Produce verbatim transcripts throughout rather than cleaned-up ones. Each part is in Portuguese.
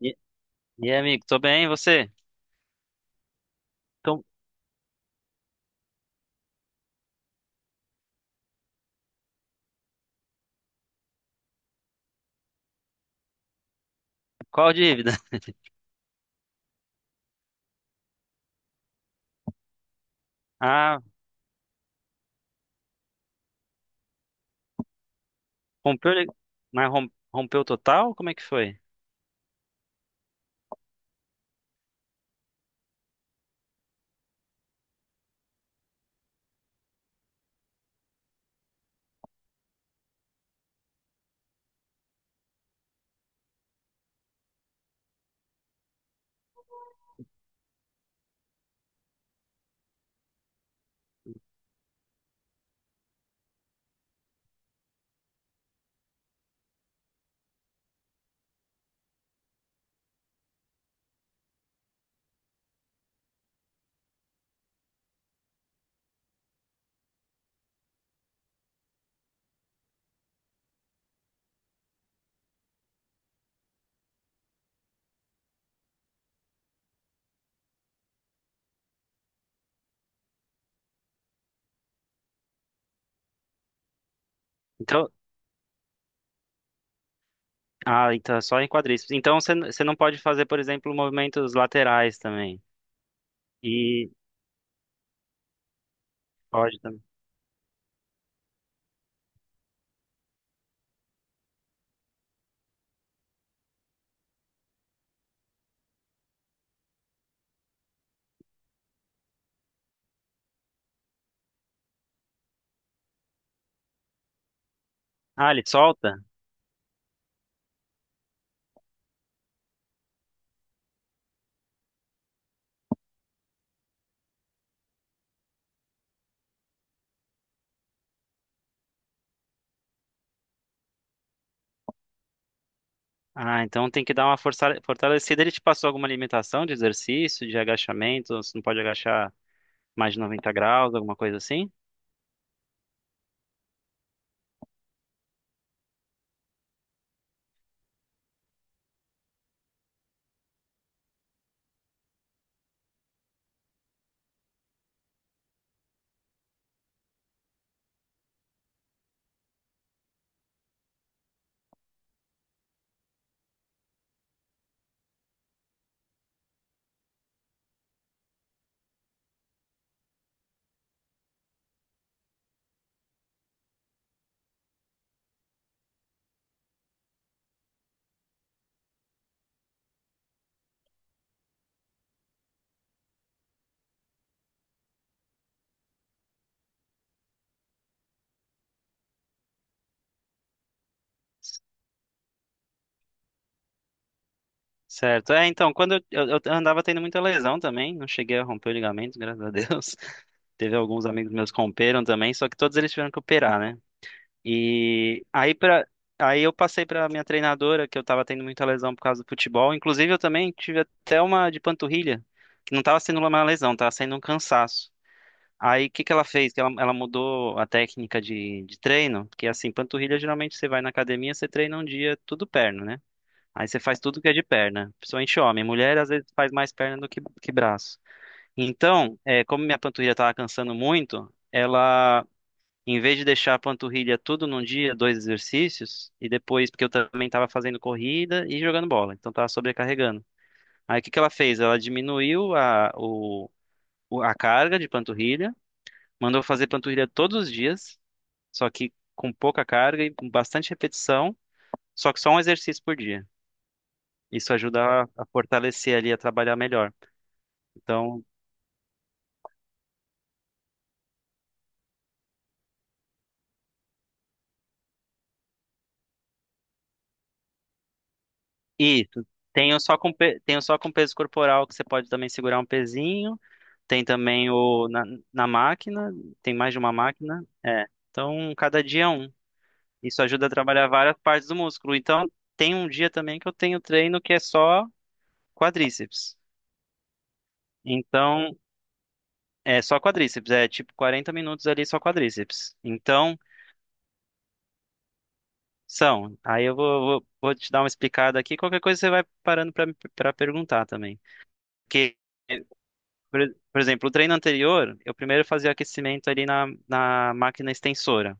E, e aí, amigo, tô bem, e você? Então, qual dívida? Ah, rompeu, ele- mas rom- rompeu total? Como é que foi? Então, ah, então é só em quadríceps. Então você n- você não pode fazer, por exemplo, movimentos laterais também. E pode também. Ah, ele solta? Ah, então tem que dar uma força- fortalecida. Ele te passou alguma limitação de exercício, de agachamento? Você não pode agachar mais de noventa graus, alguma coisa assim? Certo. É, então, quando eu, eu eu andava tendo muita lesão também, não cheguei a romper o ligamento, graças a Deus. Teve alguns amigos meus que romperam também, só que todos eles tiveram que operar, né? E aí para aí eu passei para minha treinadora que eu tava tendo muita lesão por causa do futebol. Inclusive eu também tive até uma de panturrilha, que não tava sendo uma lesão, tava sendo um cansaço. Aí o que que ela fez? Que ela, ela mudou a técnica de, de treino, porque assim, panturrilha geralmente você vai na academia, você treina um dia tudo perna, né? Aí você faz tudo que é de perna, principalmente homem. Mulher às vezes faz mais perna do que, que braço. Então, é, como minha panturrilha estava cansando muito, ela, em vez de deixar a panturrilha tudo num dia, dois exercícios, e depois, porque eu também estava fazendo corrida e jogando bola, então estava sobrecarregando. Aí o que que ela fez? Ela diminuiu a, o, o- a carga de panturrilha, mandou fazer panturrilha todos os dias, só que com pouca carga e com bastante repetição, só que só um exercício por dia. Isso ajuda a, a fortalecer ali, a trabalhar melhor. Então, e tu- tem o só com, pe- tem o só com peso corporal, que você pode também segurar um pezinho. Tem também o na, na máquina, tem mais de uma máquina. É. Então, cada dia é um. Isso ajuda a trabalhar várias partes do músculo. Então, tem um dia também que eu tenho treino que é só quadríceps. Então, é só quadríceps. É tipo quarenta minutos ali só quadríceps. Então, são. Aí eu vou, vou, vou te dar uma explicada aqui. Qualquer coisa você vai parando para para perguntar também. Porque, por, por exemplo, o treino anterior, eu primeiro fazia aquecimento ali na, na máquina extensora.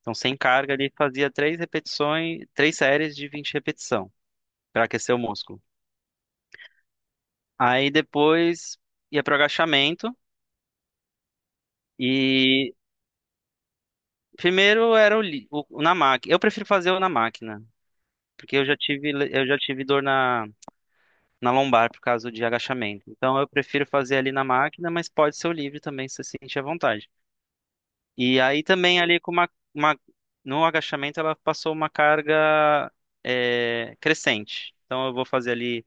Então, sem carga ali, fazia três repetições, três séries de vinte repetição para aquecer o músculo. Aí depois ia para o agachamento e primeiro era o, li- o, o na máquina. Eu prefiro fazer o na máquina, porque eu já tive le- eu já tive dor na na lombar por causa de agachamento. Então eu prefiro fazer ali na máquina, mas pode ser o livre também, se você sentir à vontade. E aí também ali com uma, uma- no agachamento ela passou uma carga é, crescente. Então eu vou fazer ali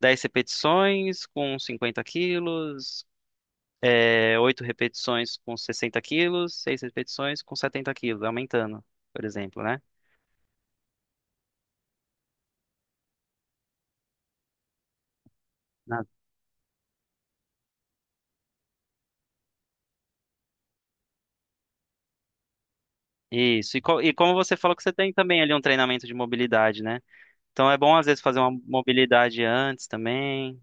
dez repetições com cinquenta quilos, é, oito repetições com sessenta quilos, seis repetições com setenta quilos, aumentando, por exemplo, né? Na- Isso. E, co- e como você falou que você tem também ali um treinamento de mobilidade, né? Então é bom às vezes fazer uma mobilidade antes também.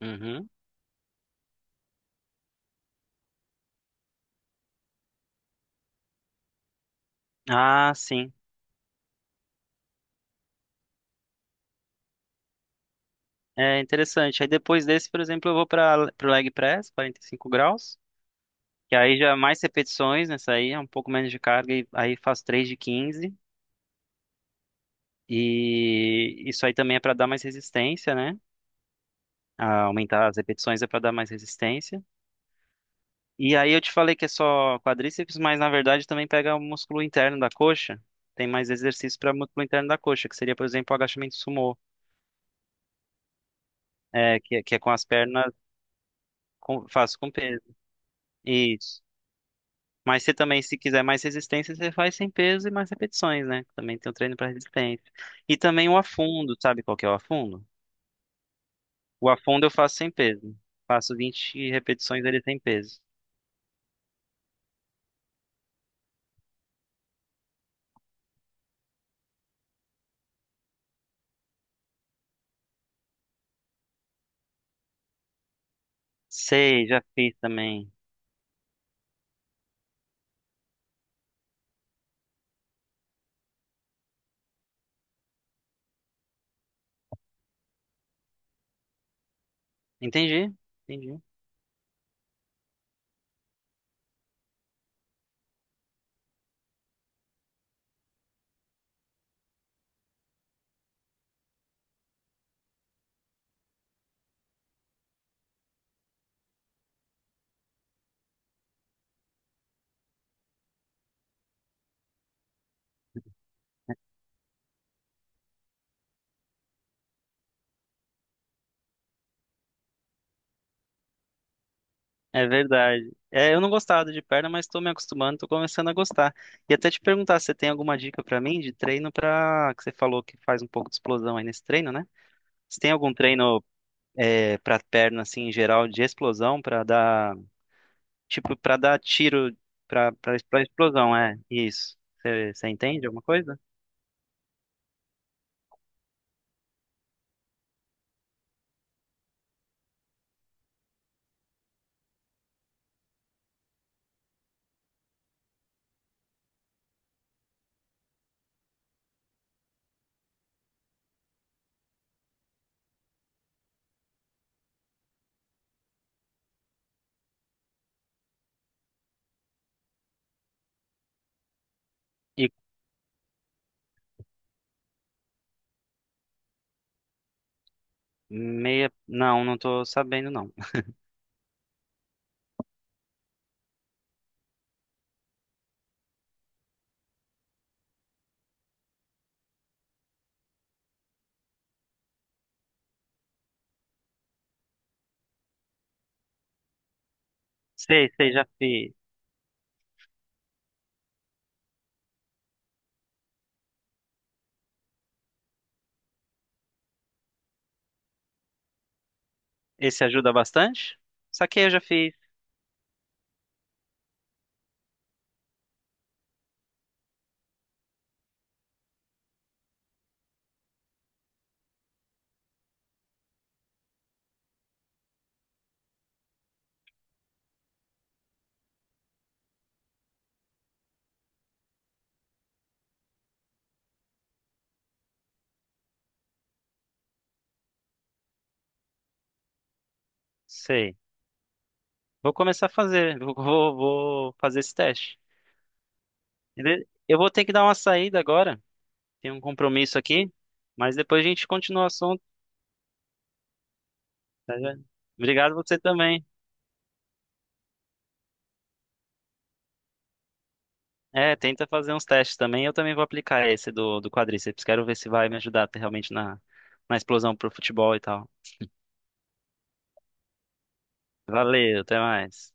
Uhum. Ah, sim. É interessante. Aí depois desse, por exemplo, eu vou para o leg press, quarenta e cinco graus, que aí já é mais repetições nessa aí, é um pouco menos de carga, e aí faço três de quinze. E isso aí também é para dar mais resistência, né? Ah, aumentar as repetições é para dar mais resistência. E aí eu te falei que é só quadríceps, mas na verdade também pega o músculo interno da coxa. Tem mais exercícios para músculo interno da coxa, que seria, por exemplo, o agachamento sumô. É, que, que é com as pernas, com- faço com peso. Isso. Mas você também, se quiser mais resistência, você faz sem peso e mais repetições, né? Também tem o treino para resistência. E também o afundo, sabe qual que é o afundo? O afundo eu faço sem peso. Faço vinte repetições dele sem peso. Sei, já fiz também. Entendi, entendi. É verdade. É, eu não gostava de perna, mas estou me acostumando, estou começando a gostar. E até te perguntar se você tem alguma dica para mim de treino para que você falou que faz um pouco de explosão aí nesse treino, né? Você tem algum treino é, para perna assim em geral de explosão para dar tipo para dar tiro para para explosão é isso você entende alguma coisa e meia não não tô sabendo não sei sei já fiz esse ajuda bastante saquei eu já fiz sei vou começar a fazer vou vou vou fazer esse teste. Beleza? Eu vou ter que dar uma saída agora, tem um compromisso aqui, mas depois a gente continua o assunto, tá? Gente? Obrigado você também. É, tenta fazer uns testes também. Eu também vou aplicar esse do, do quadríceps. Quero ver se vai me ajudar realmente na, na explosão pro futebol e tal. Valeu, até mais.